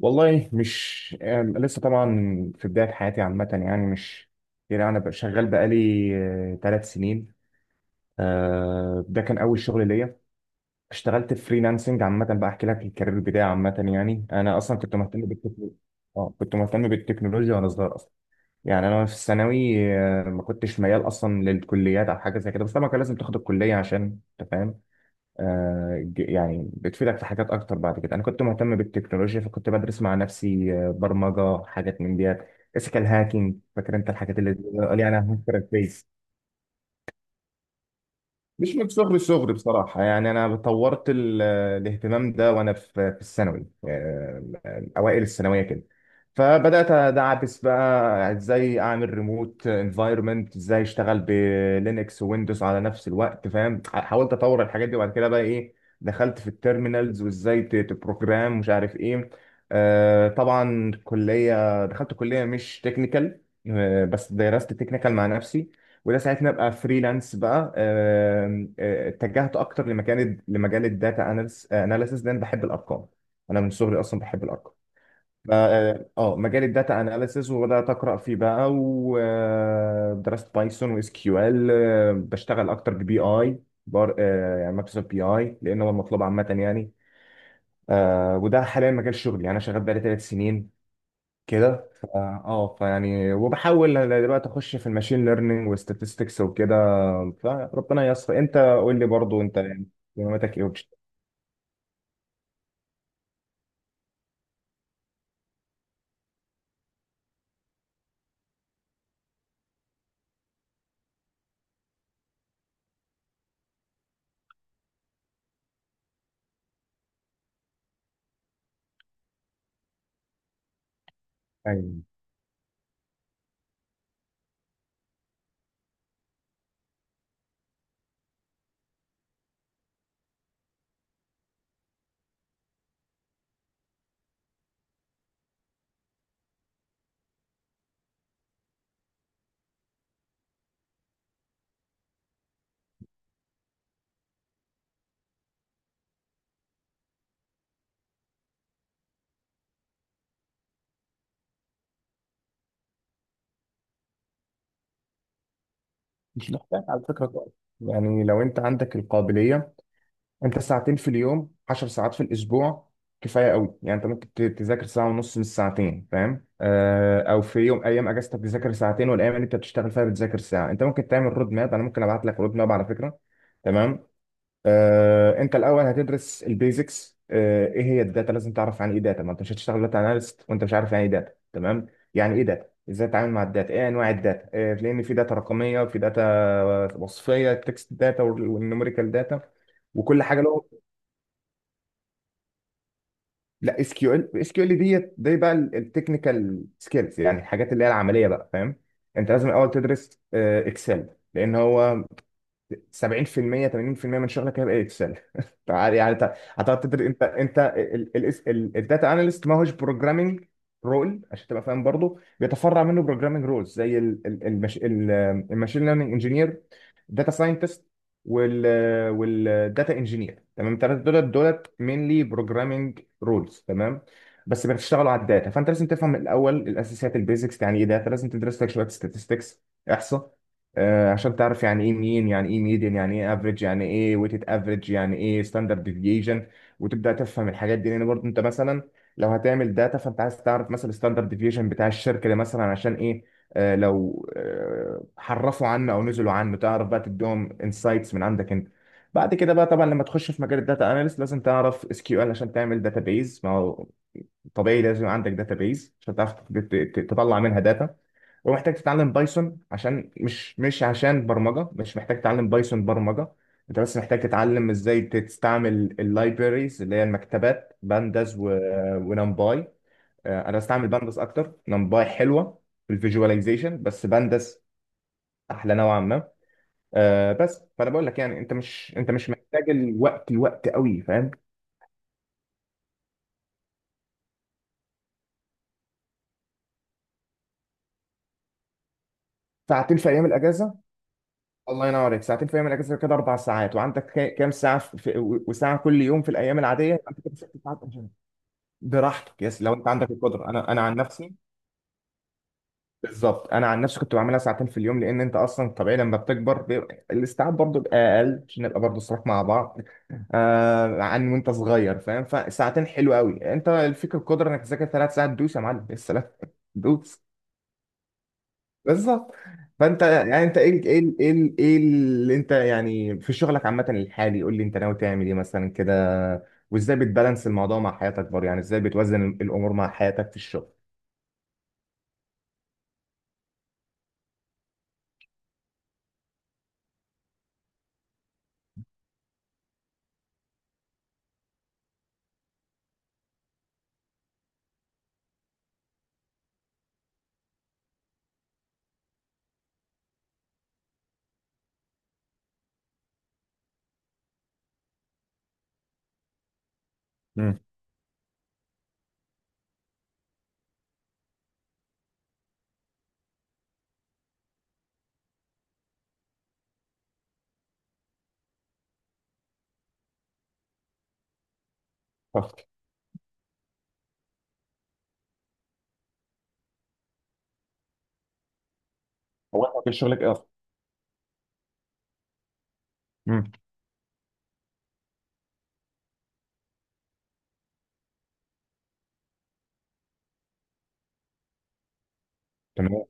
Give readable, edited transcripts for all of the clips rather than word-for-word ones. والله مش لسه طبعا في بداية حياتي عامة، يعني مش يعني أنا بقى شغال بقالي 3 سنين. ده كان أول شغل ليا. اشتغلت فريلانسنج عامة بقى، أحكي لك الكارير بتاعي عامة. يعني أنا أصلا كنت مهتم بالتكنولوجيا. كنت مهتم بالتكنولوجيا وأنا صغير أصلا. يعني أنا في الثانوي، ما كنتش ميال أصلا للكليات أو حاجة زي كده، بس طبعا كان لازم تاخد الكلية عشان أنت فاهم، يعني بتفيدك في حاجات اكتر بعد كده. انا كنت مهتم بالتكنولوجيا، فكنت بدرس مع نفسي، برمجه، حاجات من ديت اسكال هاكينج، فاكر انت الحاجات اللي قال لي انا هاكر الفيس. مش من صغري، صغري بصراحة، يعني أنا طورت الاهتمام ده وأنا في الثانوي، أوائل الثانوية كده. فبدأت أدعبس بقى إزاي أعمل ريموت انفايرمنت، إزاي أشتغل بلينكس ويندوز على نفس الوقت فاهم، حاولت أطور الحاجات دي. وبعد كده بقى إيه، دخلت في التيرمينالز وإزاي تبروجرام، مش عارف إيه. طبعا كلية، دخلت كلية مش تكنيكال بس درست تكنيكال مع نفسي. وده ساعتها ابقى فريلانس بقى. آم، آه، اتجهت اكتر لمكان، لمجال الداتا اناليسيس لان بحب الارقام. انا من صغري اصلا بحب الارقام. مجال الداتا اناليسيس، وبدات اقرا فيه بقى ودرست بايثون واس كيو ال. بشتغل اكتر ببي اي بار آه، يعني مايكروسوفت بي اي لان هو المطلوب عامه يعني. وده حاليا مجال شغلي، يعني انا شغال بقالي ثلاث سنين كده. ف- اه فيعني وبحاول أنا دلوقتي اخش في الماشين ليرنينج وستاتستكس وكده. فربنا ييسر. انت قول لي برضو، انت يعني اهتماماتك ايه وبتشتغل يعني؟ مش محتاج على فكره كويس. يعني لو انت عندك القابليه، انت ساعتين في اليوم، 10 ساعات في الاسبوع، كفايه قوي. يعني انت ممكن تذاكر ساعه ونص من الساعتين فاهم، او في يوم، ايام اجازتك تذاكر ساعتين، والايام اللي انت بتشتغل فيها بتذاكر ساعه. انت ممكن تعمل رود ماب، انا ممكن ابعت لك رود ماب على فكره. تمام. انت الاول هتدرس البيزكس، ايه هي الداتا. لازم تعرف عن ايه داتا، ما انت مش هتشتغل داتا اناليست وانت مش عارف يعني ايه داتا. تمام. يعني ايه داتا، ازاي تتعامل مع الداتا، ايه انواع الداتا، لان في داتا رقميه وفي داتا وصفيه، تكست داتا والنوميريكال داتا، وكل حاجه له. لا، اس كيو ال، اس كيو ال ديت دي بقى التكنيكال سكيلز، يعني الحاجات اللي هي العمليه بقى فاهم. انت لازم الاول تدرس اكسل، لان هو 70% 80% من شغلك هيبقى اكسل. تعال يعني، انت هتقعد تدرس. انت الداتا اناليست ما هوش بروجرامنج رول، عشان تبقى فاهم. برضه بيتفرع منه بروجرامنج رولز زي الماشين ليرنينج انجينير، داتا ساينتست، وال والداتا انجينير. تمام. الثلاثه دولت مينلي بروجرامنج رولز تمام، بس بتشتغلوا على الداتا. فانت لازم تفهم الاول الاساسيات، البيزكس، يعني ايه داتا. لازم تدرس لك شويه statistics، احصاء، عشان تعرف يعني ايه مين، يعني ايه ميديان، يعني ايه افريج، يعني ايه ويتد افريج، يعني ايه ستاندرد ديفيجن، وتبدا تفهم الحاجات دي. لان برضه انت مثلا لو هتعمل داتا، فانت عايز تعرف مثلا الستاندرد ديفيجن بتاع الشركه دي مثلا عشان ايه. لو حرفوا عنه او نزلوا عنه، تعرف بقى تديهم انسايتس من عندك انت. بعد كده بقى طبعا لما تخش في مجال الداتا اناليست، لازم تعرف اس كيو ال عشان تعمل داتابيز، ما هو طبيعي لازم عندك داتابيز عشان تعرف تطلع منها داتا. ومحتاج تتعلم بايثون، عشان مش مش عشان برمجة. مش محتاج تتعلم بايثون برمجة، انت بس محتاج تتعلم ازاي تستعمل اللايبريز اللي هي المكتبات، بانداز ونمباي. انا بستعمل بانداس اكتر، نمباي حلوه في الفيجواليزيشن بس بانداس احلى نوعا ما. بس فانا بقول لك يعني، انت مش محتاج الوقت الوقت قوي فاهم. ساعتين في ايام الاجازه، الله ينور عليك! ساعتين في ايام الاجازه كده 4 ساعات، وعندك كام ساعه في وساعه كل يوم في الايام العاديه، يبقى انت كده 6 ساعات أجازة. براحتك. يس لو انت عندك القدره. انا عن نفسي. بالظبط، انا عن نفسي كنت بعملها ساعتين في اليوم، لان انت اصلا طبيعي لما بتكبر بيبقى الاستيعاب برضه بيبقى اقل، عشان نبقى برضه صراحة مع بعض. عن وانت صغير فاهم، فساعتين حلو قوي. انت الفكره، القدره انك تذاكر 3 ساعات، دوس يا معلم! يا سلام! دوس! بالظبط. فانت يعني، انت ايه اللي انت يعني في شغلك عامه الحالي؟ قول لي انت ناوي تعمل ايه مثلا كده، وازاي بتبالانس الموضوع مع حياتك برضه، يعني ازاي بتوازن الامور مع حياتك في الشغل؟ مم. أه. هو انت في شغلك ايه اصلا؟ مم. تمام.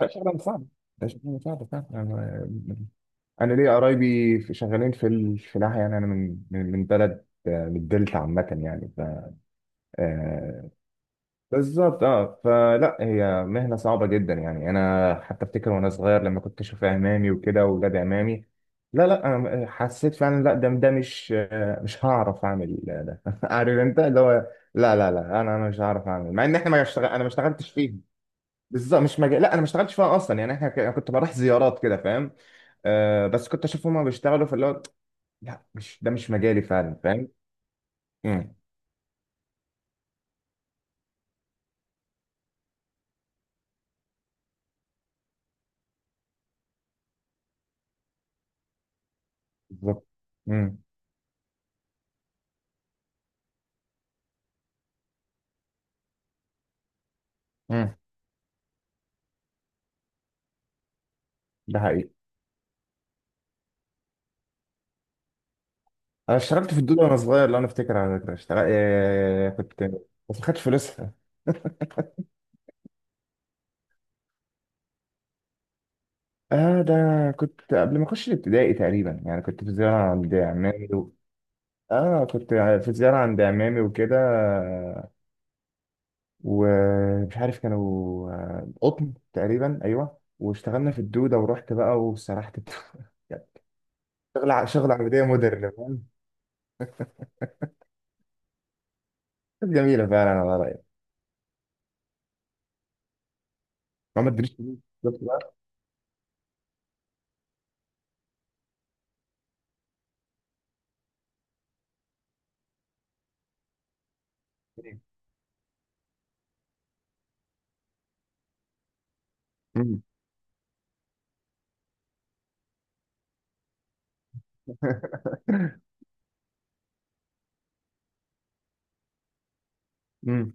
لا، شغلة مساعدة. ده شغلة مساعدة فعلا. أنا ليا قرايبي شغالين في في الفلاحة، يعني أنا من بلد، من الدلتا عامة يعني ف آه، بالظبط أه. فلا، هي مهنة صعبة جدا. يعني أنا حتى أفتكر، وأنا صغير لما كنت أشوف عمامي وكده وولاد عمامي، لا لا أنا حسيت فعلا، لا ده، مش هعرف أعمل ده. عارف أنت اللي هو، لا لا لا أنا مش هعرف أعمل، مع إن إحنا ما اشتغلتش فيه. بالظبط مش مجال. لا انا ما اشتغلتش فيها اصلا، يعني احنا أنا كنت بروح زيارات كده فاهم، بس كنت اشوف هما بيشتغلوا في اللي هو، لا مش ده مش مجالي فعلا فاهم. امم. بالظبط. امم. امم. ده حقيقي. انا اشتغلت في الدود وانا صغير، لو انا افتكر، على فكره اشتغل، كنت، بس ما خدتش فلوسها. اه ده كنت قبل ما اخش الابتدائي تقريبا، يعني كنت في زياره عند عمامي و... اه كنت في زياره عند عمامي وكده، ومش عارف كانوا، قطن تقريبا ايوه، واشتغلنا في الدوده، ورحت بقى وسرحت الدودة. يعني شغل شغل عمليه مودرن فاهم. كانت جميله فعلا على رايك. ما ادريش فلوس بالظبط بقى. أمم. أمم.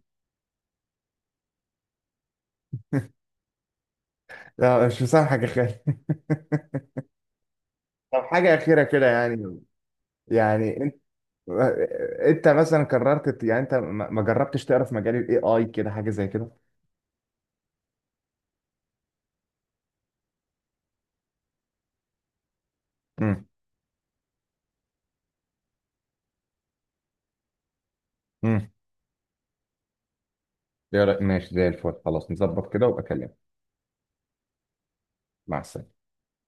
لا مش مسامحك يا خالد! طب حاجه اخيره كده يعني، يعني انت، انت مثلا قررت يعني، انت ما جربتش تقرا في مجال الاي اي كده، حاجه زي كده؟ امم. امم. ماشي زي الفل، خلاص نظبط كده وابقى اكلمك. مع السلامه.